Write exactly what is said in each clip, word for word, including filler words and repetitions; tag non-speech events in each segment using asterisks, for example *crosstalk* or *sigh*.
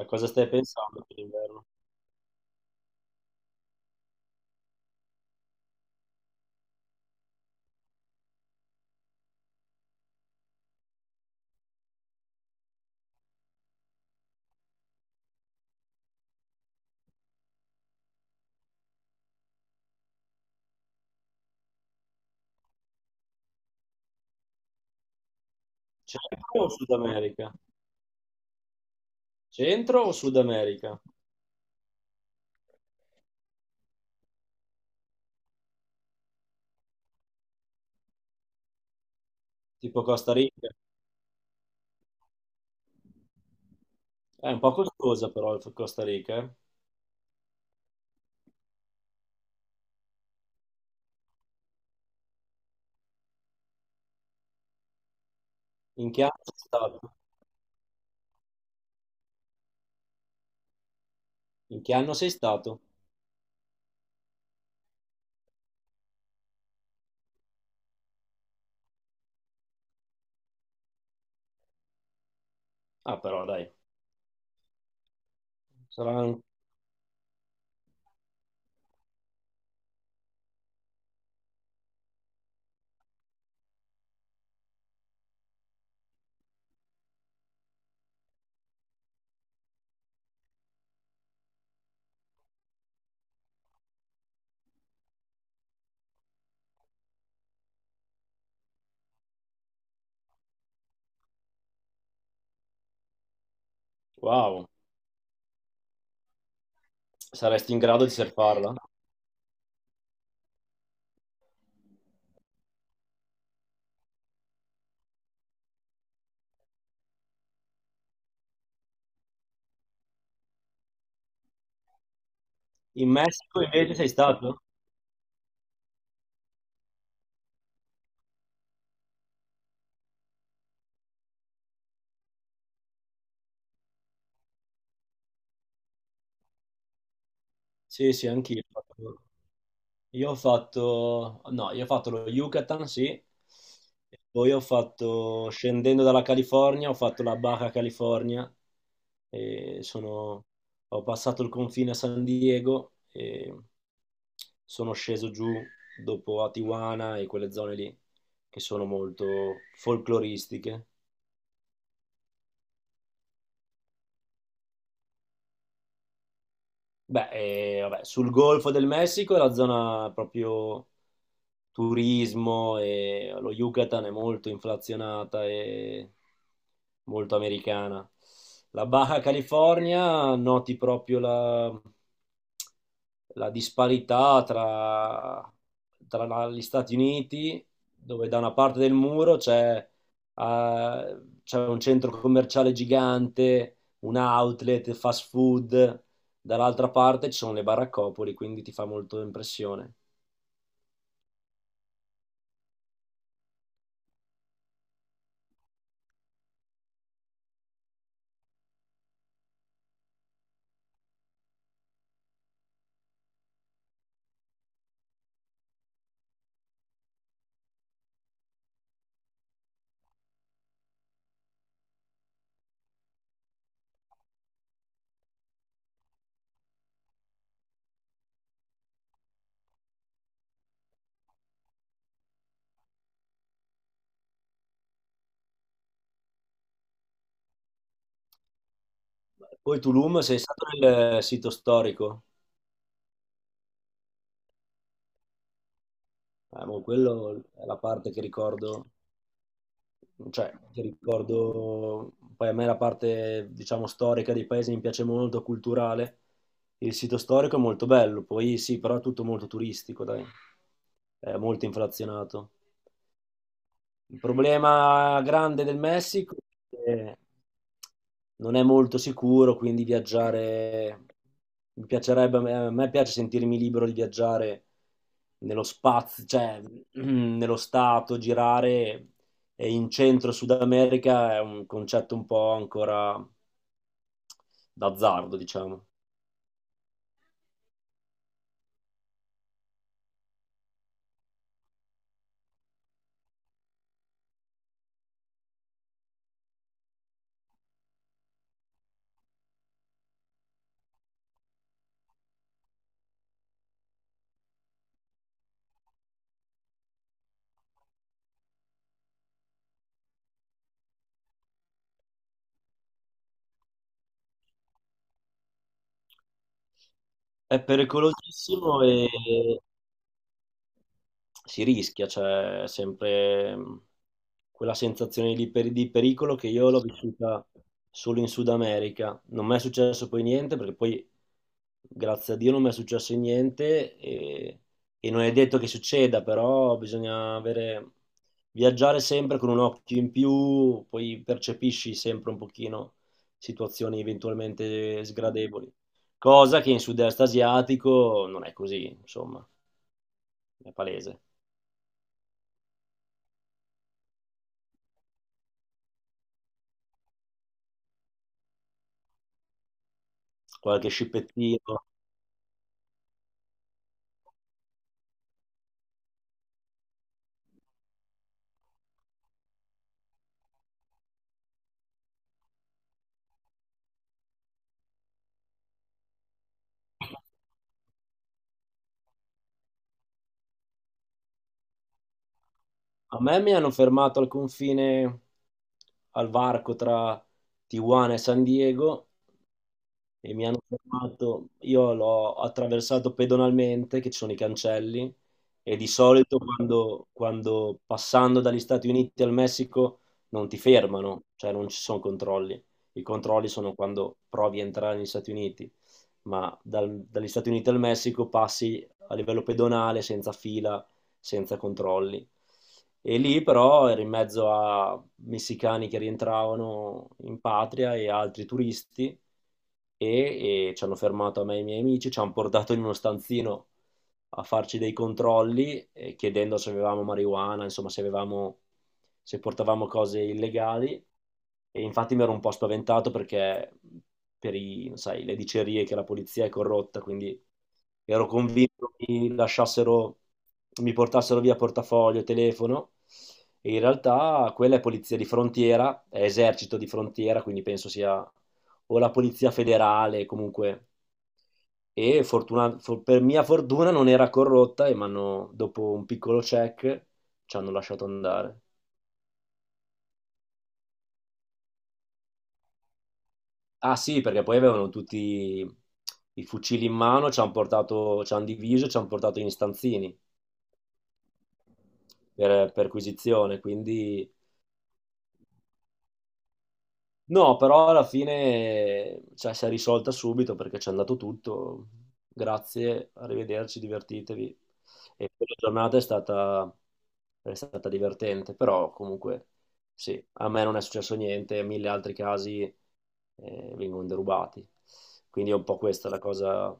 A cosa stai pensando per l'inverno? Centro o Sud America? Centro o Sud America? Tipo Costa Rica? È un po' costosa però il Costa Rica, eh. In che anno sei stato? In che anno sei stato? Ah, però dai, sarà un- Wow, saresti in grado di surfarla? In Messico invece sei stato? Sì, sì, anch'io. Io ho fatto, no, io ho fatto lo Yucatan, sì, e poi ho fatto, scendendo dalla California, ho fatto la Baja California, e sono, ho passato il confine a San Diego e sono sceso giù dopo a Tijuana e quelle zone lì che sono molto folcloristiche. Beh, eh, vabbè, sul Golfo del Messico è la zona proprio turismo e lo Yucatan è molto inflazionata e molto americana. La Baja California noti proprio la, la disparità tra, tra la- gli Stati Uniti, dove da una parte del muro c'è eh, c'è un centro commerciale gigante, un outlet, fast food. Dall'altra parte ci sono le baraccopoli, quindi ti fa molto impressione. Poi Tulum, sei stato nel sito storico? Eh, boh, quello è la parte che ricordo, cioè che ricordo, poi a me la parte, diciamo, storica dei paesi mi piace molto, culturale. Il sito storico è molto bello, poi sì, però è tutto molto turistico, dai, è molto inflazionato. Il problema grande del Messico è che non è molto sicuro, quindi viaggiare mi piacerebbe, a me piace sentirmi libero di viaggiare nello spazio, cioè *clears throat* nello stato, girare e in centro Sud America è un concetto un po' ancora d'azzardo, diciamo. È pericolosissimo e si rischia, c'è sempre mh, quella sensazione di, peri- di pericolo che io l'ho vissuta solo in Sud America. Non mi è successo poi niente, perché poi, grazie a Dio, non mi è successo niente e, e non è detto che succeda, però bisogna avere, viaggiare sempre con un occhio in più, poi percepisci sempre un pochino situazioni eventualmente sgradevoli. Cosa che in sud-est asiatico non è così, insomma, è palese. Qualche scippettino. A me mi hanno fermato al confine, al varco tra Tijuana e San Diego e mi hanno fermato. Io l'ho attraversato pedonalmente, che ci sono i cancelli, e di solito quando, quando passando dagli Stati Uniti al Messico non ti fermano, cioè non ci sono controlli. I controlli sono quando provi a entrare negli Stati Uniti, ma dal- dagli Stati Uniti al Messico passi a livello pedonale, senza fila, senza controlli. E lì però ero in mezzo a messicani che rientravano in patria e altri turisti e, e ci hanno fermato a me e ai miei amici, ci hanno portato in uno stanzino a farci dei controlli eh, chiedendo se avevamo marijuana, insomma se avevamo, se portavamo cose illegali e infatti mi ero un po' spaventato perché per i, sai, le dicerie che la polizia è corrotta, quindi ero convinto che mi lasciassero, mi portassero via portafoglio, telefono e in realtà quella è polizia di frontiera, è esercito di frontiera, quindi penso sia o la polizia federale comunque. E fortuna- for- per mia fortuna non era corrotta e m'hanno- dopo un piccolo check ci hanno lasciato andare. Ah sì, perché poi avevano tutti i fucili in mano, ci hanno portato, ci hanno diviso, ci hanno portato in stanzini per perquisizione, quindi no, però alla fine, cioè, si è risolta subito perché c'è andato tutto. Grazie, arrivederci, divertitevi. E la giornata è stata, è stata divertente, però comunque sì, a me non è successo niente, mille altri casi eh, vengono derubati. Quindi è un po' questa la cosa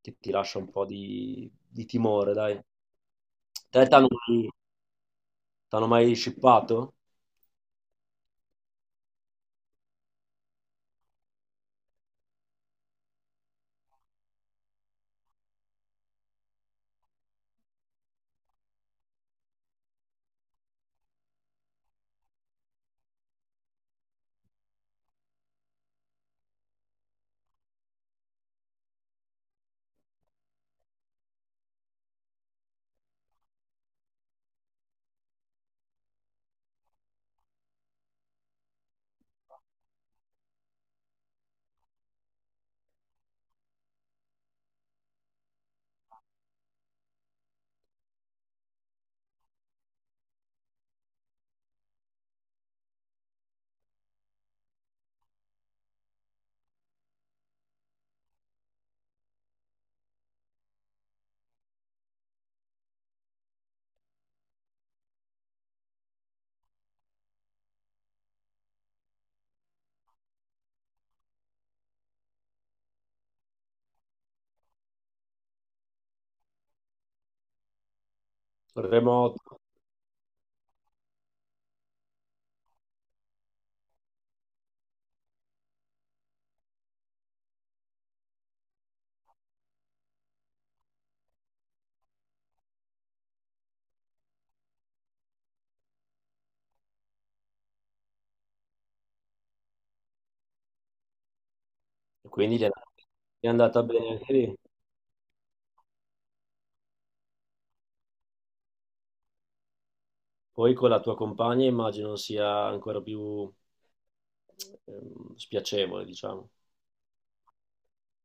che ti lascia un po' di, di timore, dai. Te t'hanno mai, t'hanno mai shippato? Remoto? E quindi gli è andata bene anche lì. Poi con la tua compagna immagino sia ancora più ehm, spiacevole, diciamo.